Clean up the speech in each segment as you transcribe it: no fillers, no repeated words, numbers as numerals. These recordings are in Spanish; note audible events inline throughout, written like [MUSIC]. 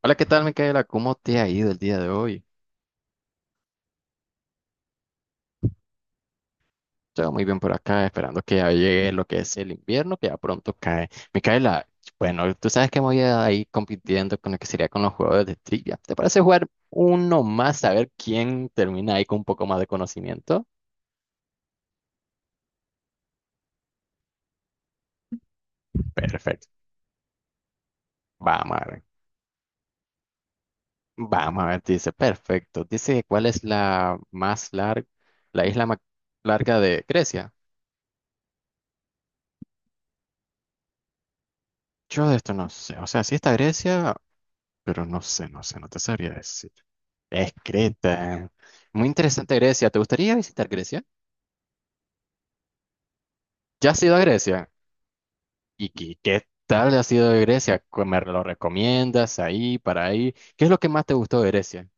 Hola, ¿qué tal, Micaela? ¿Cómo te ha ido el día de hoy? Todo muy bien por acá, esperando que ya llegue lo que es el invierno, que ya pronto cae. Micaela, bueno, tú sabes que me voy a ir compitiendo con lo que sería con los juegos de trivia. ¿Te parece jugar uno más, a ver quién termina ahí con un poco más de conocimiento? Perfecto. Vamos a ver. Vamos a ver, dice, perfecto. Dice, ¿cuál es la más larga, la isla más larga de Grecia? Yo de esto no sé. O sea, si está Grecia, pero no sé, no te sabría decir. Es Creta. Muy interesante Grecia. ¿Te gustaría visitar Grecia? ¿Ya has ido a Grecia? ¿Y qué tal ha sido de Grecia? ¿Me lo recomiendas ahí, para ahí? ¿Qué es lo que más te gustó de Grecia?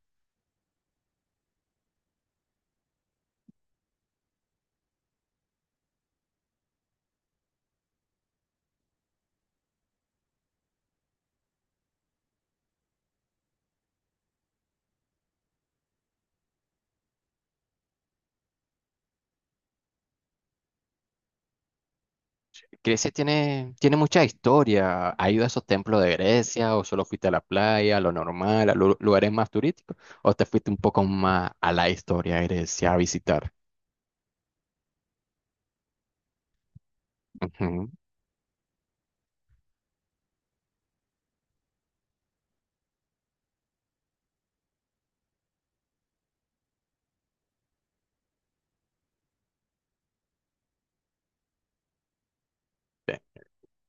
Grecia tiene mucha historia. ¿Has ido a esos templos de Grecia o solo fuiste a la playa, a lo normal, a lugares más turísticos? ¿O te fuiste un poco más a la historia de Grecia a visitar? Ujú.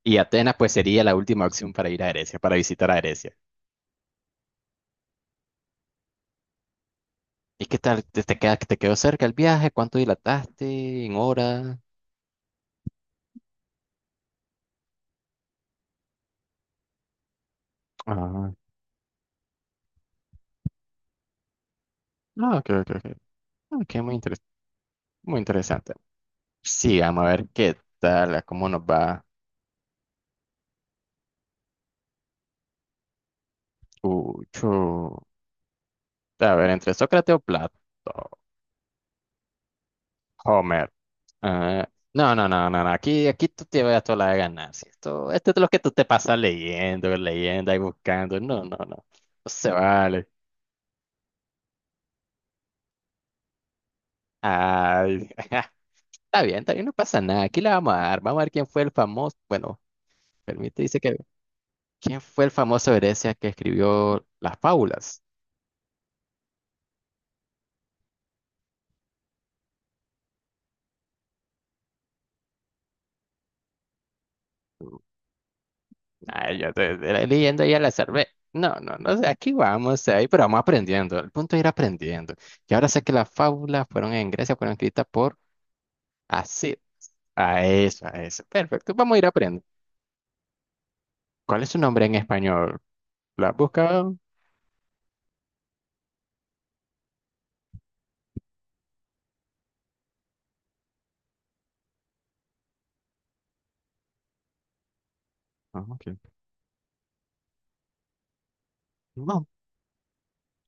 Y Atenas pues sería la última opción para ir a Grecia, para visitar a Grecia. ¿Y qué tal? ¿Te quedó cerca el viaje? ¿Cuánto dilataste en horas? Ah, no, ok, ok, ok. Ok, muy interesante. Sí, vamos a ver qué tal, a cómo nos va. Chu. A ver, ¿entre Sócrates o Platón? Homer. Ah, no, no, no, no, no. Aquí, aquí tú te vas a toda la de ganar. ¿Sí? Esto es lo que tú te pasas leyendo, leyendo y buscando. No, no, no. No se vale. Ay, [LAUGHS] está bien, no pasa nada. Aquí la vamos a dar. Vamos a ver quién fue el famoso. Bueno. Permite, dice que ¿quién fue el famoso Grecia que escribió las fábulas? Ay, yo te la leyendo ya la salvé. No, no, no sé, aquí vamos, ahí, pero vamos aprendiendo. El punto es ir aprendiendo. Y ahora sé que las fábulas fueron en Grecia, fueron escritas por así. A eso, a eso. Perfecto, vamos a ir aprendiendo. ¿Cuál es su nombre en español? ¿La has buscado? Ah, ok. No,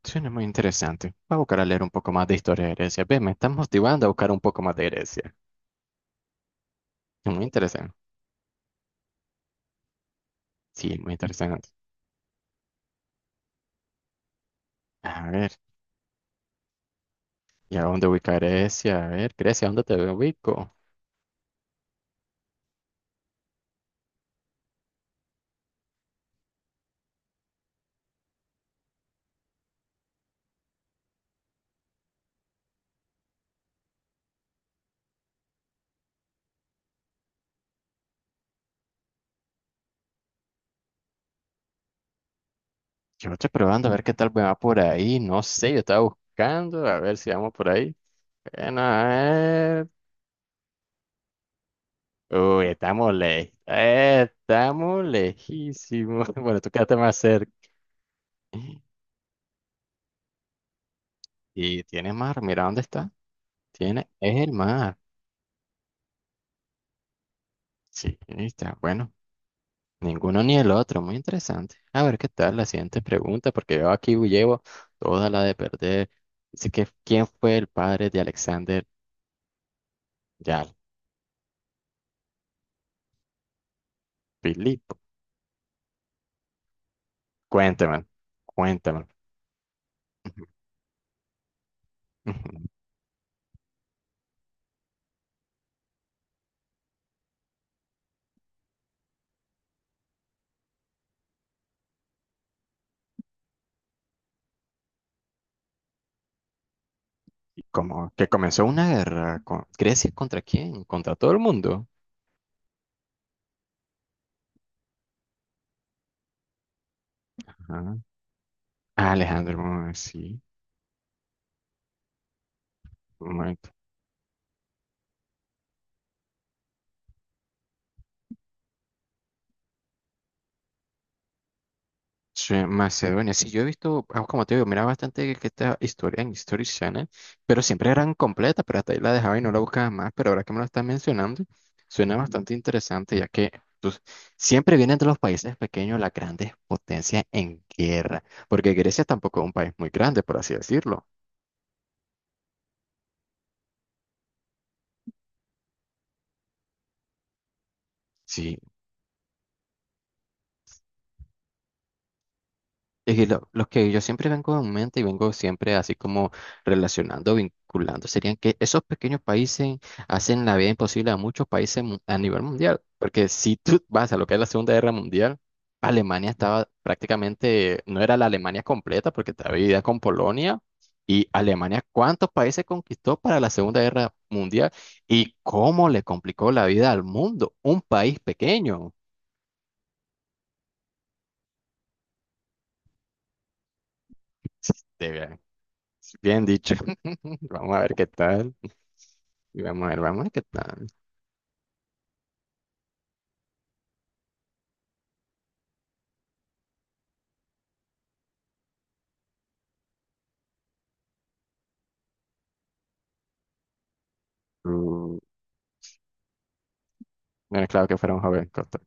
suena muy interesante. Voy a buscar a leer un poco más de historia de Grecia. Ve, me están motivando a buscar un poco más de Grecia. Muy interesante. Sí, muy interesante. A ver. ¿Y a dónde ubica Grecia? A ver, Grecia, ¿a ¿dónde te ubico? Yo estoy probando a ver qué tal me va por ahí. No sé, yo estaba buscando a ver si vamos por ahí. Bueno, a ver. Uy, estamos lejos, estamos lejísimos. [LAUGHS] Bueno, tú quedaste más cerca. Y tiene mar, mira dónde está. Tiene, es el mar. Sí, ahí está. Bueno, ninguno ni el otro. Muy interesante. A ver qué tal la siguiente pregunta, porque yo aquí llevo toda la de perder. Dice que, ¿quién fue el padre de Alexander? Ya, Filipo, cuéntame, cuéntame. Ujú, ujú. Y como que comenzó una guerra con Grecia contra quién, contra todo el mundo. Ajá. Ah, Alejandro, mm, sí. Sí, Macedonia. Sí, yo he visto, ah, como te digo, miraba bastante que esta historia en History Channel, pero siempre eran completas, pero hasta ahí la dejaba y no la buscaba más. Pero ahora que me lo estás mencionando, suena bastante interesante, ya que pues, siempre vienen de los países pequeños las grandes potencias en guerra, porque Grecia tampoco es un país muy grande, por así decirlo. Sí, y lo que yo siempre vengo en mente y vengo siempre así como relacionando, vinculando, serían que esos pequeños países hacen la vida imposible a muchos a nivel mundial. Porque si tú vas a lo que es la Segunda Guerra Mundial, Alemania estaba prácticamente, no era la Alemania completa porque estaba dividida con Polonia. Y Alemania, ¿cuántos países conquistó para la Segunda Guerra Mundial? ¿Y cómo le complicó la vida al mundo? Un país pequeño. [LAUGHS] De- Bien dicho. [LAUGHS] Vamos a ver qué tal. Y vamos a ver qué tal. Mm, bueno, claro que fuera un joven costo.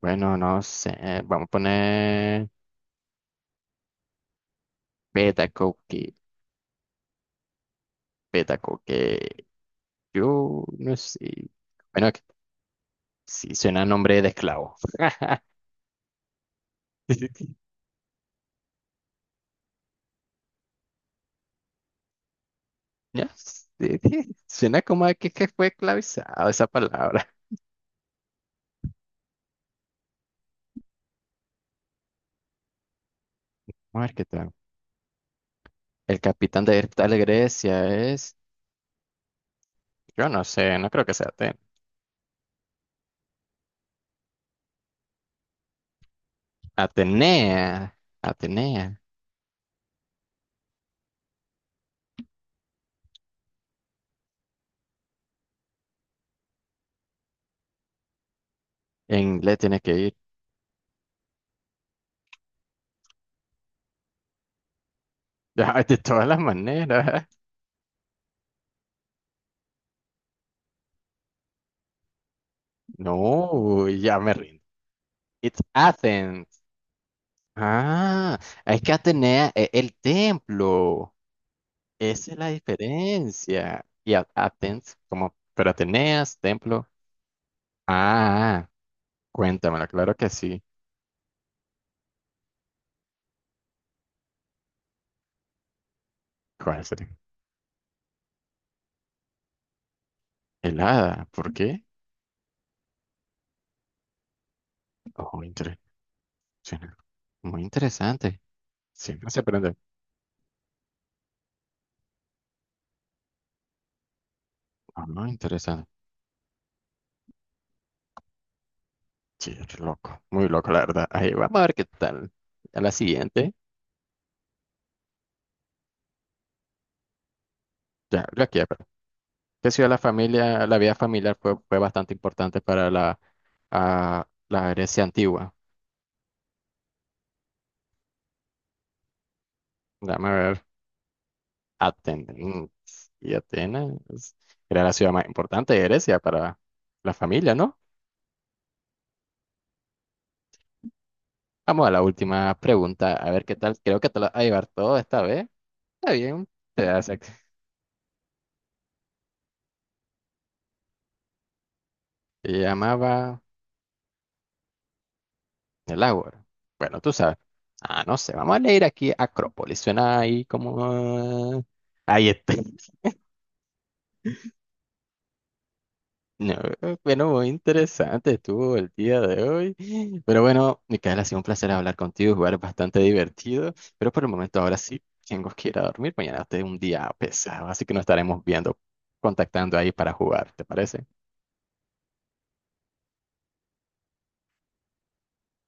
Bueno, no sé. Vamos a poner beta cookie. Beta cookie. Yo no sé. Bueno, que- sí, suena a nombre de esclavo. [LAUGHS] Ya, sí, sí suena como a que fue esclavizado esa palabra. Vamos a ver qué tal. El capitán de tal Grecia es. Yo no sé, no creo que sea Aten-. Atenea. Atenea. En inglés tiene que ir. [LAUGHS] De todas las maneras. No, ya me rindo. It's Athens. Ah, es que Atenea es el templo. Esa es la diferencia. Y a- Athens, como, pero Ateneas, templo. Ah, cuéntamelo, claro que sí. ¿Cuál sería? El ¿por qué? Oh, inter- suena muy interesante. Siempre se aprende. Ah, no, interesante. Sí, es loco, muy loco, la verdad. Ahí vamos a ver qué tal. A la siguiente. Ya, la que sí, la familia, la vida familiar fue bastante importante para la, ah, la Grecia antigua. Dame a ver, Atenas. Mm, y Atenas era la ciudad más importante de Grecia para la familia, ¿no? Vamos a la última pregunta, a ver qué tal. Creo que te la vas a llevar todo esta vez. Está bien. Te hace-. Se llamaba el Ágora. Bueno, tú sabes. Ah, no sé, vamos a leer aquí Acrópolis. Suena ahí como... ah, ahí está. No, bueno, muy interesante estuvo el día de hoy. Pero bueno, Micaela, ha sido un placer hablar contigo, jugar bastante divertido. Pero por el momento ahora sí tengo que ir a dormir. Mañana es un día pesado, así que nos estaremos viendo, contactando ahí para jugar, ¿te parece?